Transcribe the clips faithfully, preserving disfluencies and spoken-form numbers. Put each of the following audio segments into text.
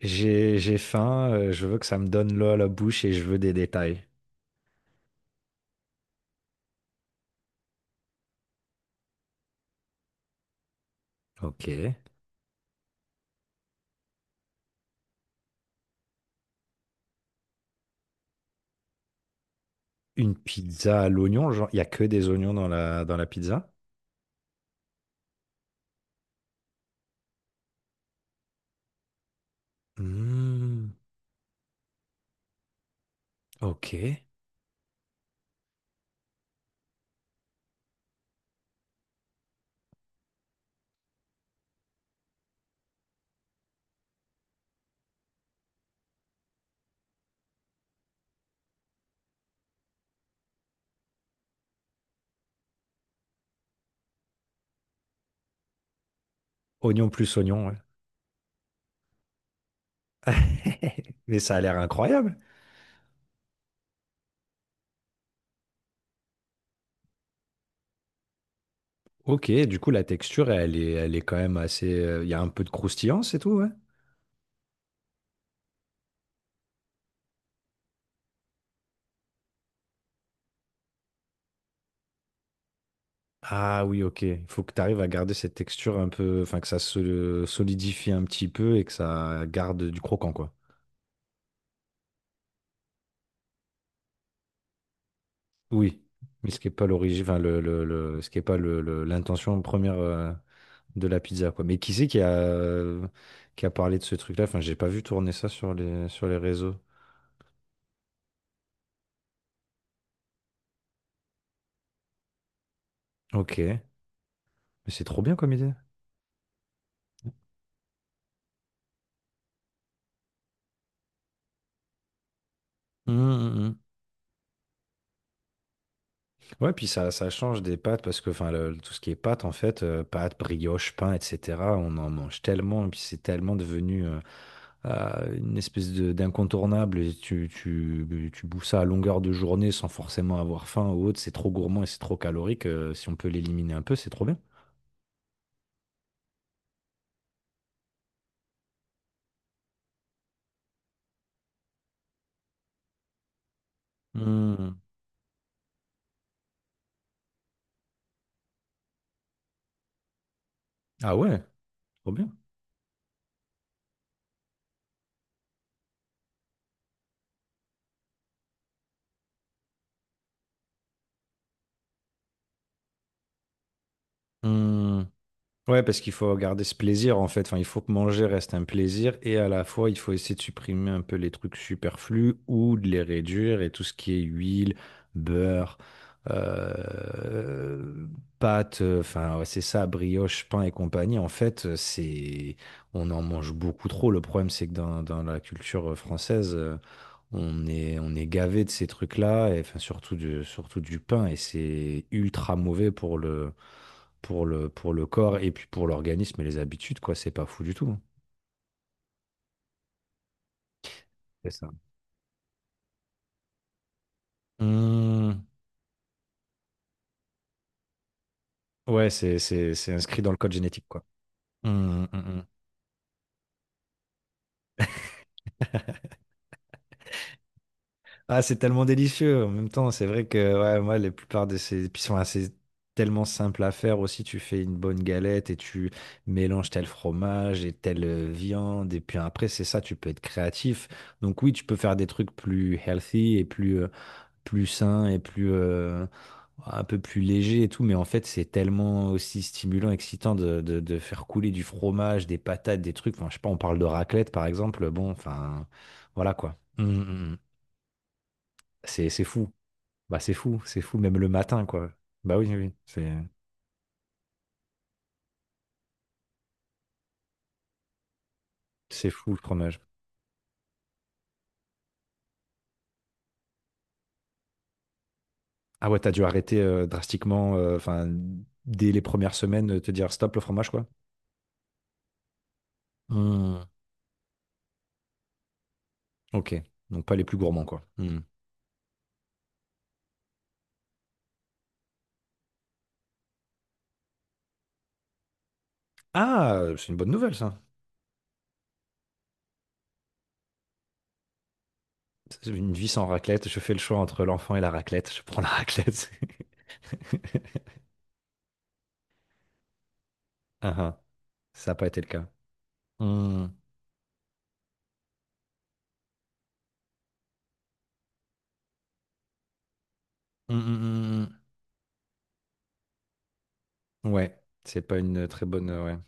J'ai, j'ai faim, euh, je veux que ça me donne l'eau à la bouche et je veux des détails. Ok. Une pizza à l'oignon, genre, il n'y a que des oignons dans la, dans la pizza? Hmm, ok. Oignon plus oignon, ouais. Mais ça a l'air incroyable. Ok, du coup, la texture, elle est, elle est quand même assez... euh, Il y a un peu de croustillant, c'est tout, ouais. Ah oui, ok. Il faut que tu arrives à garder cette texture un peu. Enfin, que ça se solidifie un petit peu et que ça garde du croquant, quoi. Oui, mais ce qui est pas l'origine, enfin le, le, le- ce qui est pas le, le- l'intention première euh, de la pizza quoi. Mais qui c'est qui a euh, qui a parlé de ce truc-là? Enfin, j'ai pas vu tourner ça sur les sur les réseaux. Ok, mais c'est trop bien comme idée. Hum, hum, hum. Ouais, puis ça, ça change des pâtes parce que enfin le- tout ce qui est pâtes en fait, euh, pâtes, brioche, pain, et cetera. On en mange tellement et puis c'est tellement devenu euh, euh, une espèce de- d'incontournable et tu, tu, tu bouffes ça à longueur de journée sans forcément avoir faim ou autre, c'est trop gourmand et c'est trop calorique. Euh, si on peut l'éliminer un peu, c'est trop bien. Hmm. Ah ouais, trop bien. Hmm. Ouais, parce qu'il faut garder ce plaisir en fait. Enfin, il faut que manger reste un plaisir et à la fois, il faut essayer de supprimer un peu les trucs superflus ou de les réduire et tout ce qui est huile, beurre, euh, pâtes, euh, enfin, ouais, c'est ça, brioche, pain et compagnie. En fait, euh, c'est, on en mange beaucoup trop. Le problème, c'est que dans, dans la culture française, euh, on est, on est gavé de ces trucs-là et enfin, surtout du, surtout du pain et c'est ultra mauvais pour le pour le, pour le corps et puis pour l'organisme et les habitudes, quoi. C'est pas fou du tout. C'est ça. Hmm. Ouais, c'est, c'est, c'est inscrit dans le code génétique, quoi. Hmm, hmm, hmm. Ah, c'est tellement délicieux. En même temps, c'est vrai que ouais, moi, les plupart de ces. Puis ils sont assez tellement simples à faire aussi. Tu fais une bonne galette et tu mélanges tel fromage et telle euh, viande. Et puis après, c'est ça, tu peux être créatif. Donc oui, tu peux faire des trucs plus healthy et plus, euh, plus sain et plus euh, un peu plus léger et tout, mais en fait c'est tellement aussi stimulant, excitant de, de- de faire couler du fromage, des patates, des trucs. Enfin, je sais pas, on parle de raclette par exemple. Bon, enfin, voilà quoi. Mm, mm, mm. C'est c'est fou. Bah c'est fou, c'est fou même le matin quoi. Bah oui, oui, oui, c'est c'est fou le fromage. Ah ouais, t'as dû arrêter euh, drastiquement, euh, enfin dès les premières semaines, euh, te dire stop le fromage quoi. Mm. Ok, donc pas les plus gourmands quoi. Mm. Ah, c'est une bonne nouvelle ça. Une vie sans raclette, je fais le choix entre l'enfant et la raclette. Je prends la raclette. Ah ah, ça n'a pas été le cas. Hmm. Hmm, hmm, hmm, hmm. Ouais, c'est pas une très bonne. euh, Ouais,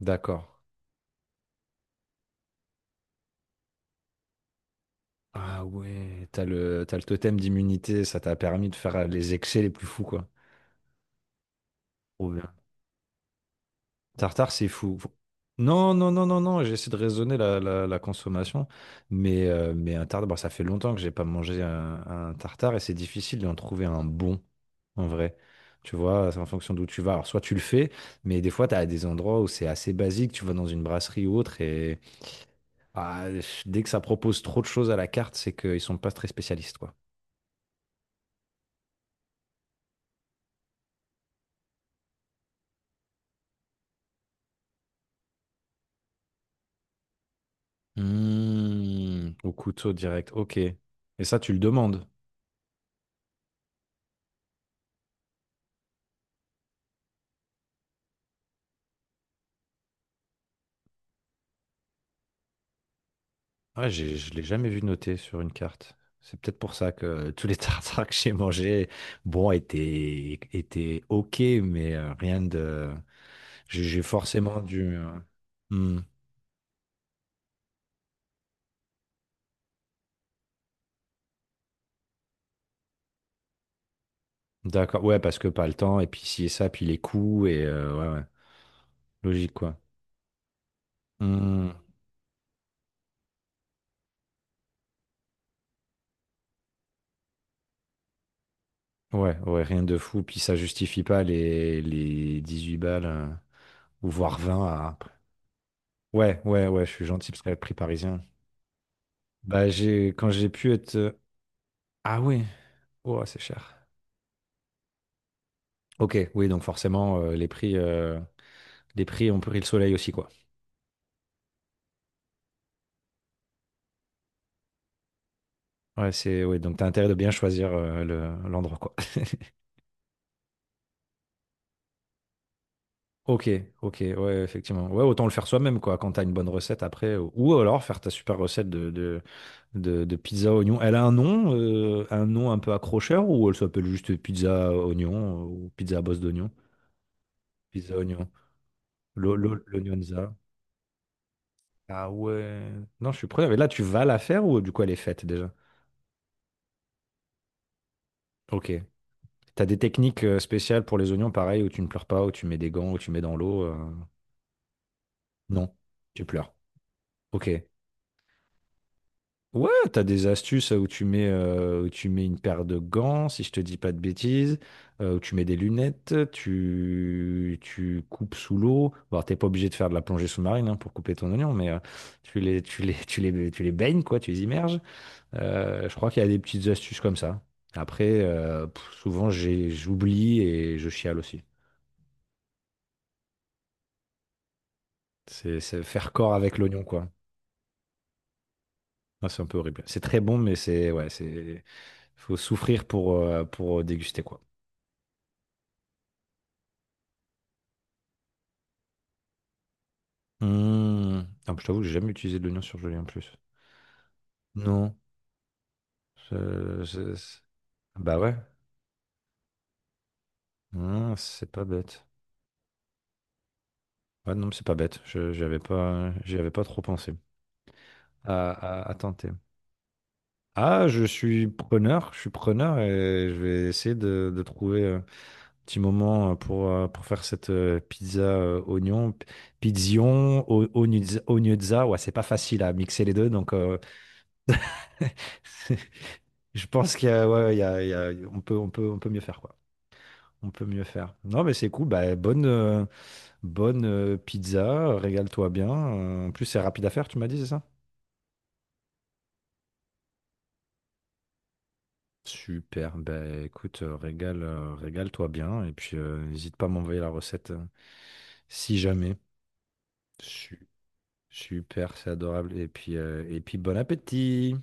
d'accord. Ah ouais, t'as le, t'as le totem d'immunité, ça t'a permis de faire les excès les plus fous, quoi. Trop bien. Tartare, c'est fou. Non, non, non, non, non, j'essaie de raisonner la, la, la consommation, mais, euh, mais un tartare, bon, ça fait longtemps que j'ai pas mangé un, un tartare et c'est difficile d'en trouver un bon, en vrai. Tu vois, c'est en fonction d'où tu vas. Alors, soit tu le fais, mais des fois, tu as des endroits où c'est assez basique, tu vas dans une brasserie ou autre, et ah, dès que ça propose trop de choses à la carte, c'est qu'ils sont pas très spécialistes, quoi. Mmh, au couteau direct, ok. Et ça, tu le demandes. Ouais, j'ai- je l'ai jamais vu noté sur une carte. C'est peut-être pour ça que tous les tartares que j'ai mangés, bon, étaient, étaient OK, mais euh, rien de. J'ai j'ai forcément dû. Euh, hmm, d'accord, ouais, parce que pas le temps, et puis si et ça, puis les coûts, et euh, ouais, ouais, logique, quoi. Hmm, ouais, ouais, rien de fou, puis ça justifie pas les, les dix-huit balles, euh, ou voire vingt à. Ouais, ouais, ouais, je suis gentil parce qu'avec prix parisien. Bah, j'ai, quand j'ai pu être. euh, Ah ouais. Ouah, c'est cher. Ok, oui, donc forcément, euh, les prix, euh, les prix ont pris le soleil aussi, quoi. Ouais, c'est, oui, donc t'as intérêt de bien choisir euh, le- l'endroit, quoi. Ok, ok, ouais, effectivement. Ouais, autant le faire soi-même, quoi, quand t'as une bonne recette après. Ou ou alors faire ta super recette de, de, de, de pizza oignon. Elle a un nom, euh, un nom un peu accrocheur, ou elle s'appelle juste pizza oignon, euh, ou pizza à bosse d'oignon? Pizza oignon. Lo- lo- L'oignonza. Ah ouais. Non, je suis preneur. Mais là, tu vas la faire ou du coup, elle est faite déjà? Ok. T'as des techniques euh, spéciales pour les oignons, pareil, où tu ne pleures pas, où tu mets des gants, où tu mets dans l'eau. euh, Non, tu pleures. Ok. Ouais, t'as des astuces où tu mets, euh, où tu mets une paire de gants, si je te dis pas de bêtises, euh, où tu mets des lunettes, tu, tu coupes sous l'eau. Bon, t'es pas obligé de faire de la plongée sous-marine hein, pour couper ton oignon, mais euh, tu les, tu les, tu les, tu les baignes, quoi, tu les immerges. Euh, je crois qu'il y a des petites astuces comme ça. Après, euh, pff, souvent, j'ai, j'oublie et je chiale aussi. C'est c'est faire corps avec l'oignon, quoi. Ah, c'est un peu horrible. C'est très bon, mais c'est. Ouais, c'est. Faut souffrir pour, euh, pour euh, déguster, quoi. Mmh. Ah, je t'avoue que j'ai jamais utilisé de l'oignon surgelé, en plus. Non. Euh, c'est- c'est- Bah ouais. Mmh, c'est pas bête. Ouais, non, mais c'est pas bête. Je, j'y avais pas, j'y avais pas trop pensé à, à- à tenter. Ah, je suis preneur. Je suis preneur et je vais essayer de, de trouver. euh, Petit moment euh, pour, euh, pour faire cette euh, pizza euh, oignon. P- Pizzion, o- ognuzza, ognuzza. Ouais, c'est pas facile à mixer les deux, donc euh, je pense qu'il y a, ouais, il y a- il y a- on peut, on peut, on peut mieux faire, quoi. On peut mieux faire. Non, mais c'est cool. Bah, bonne, euh, bonne euh, pizza. Régale-toi bien. Euh, En plus, c'est rapide à faire, tu m'as dit, c'est ça? Super. Ben écoute, euh, régale, euh, régale-toi bien. Et puis, euh, n'hésite pas à m'envoyer la recette euh, si jamais. Super. Super, c'est adorable. Et puis, euh, et puis bon appétit.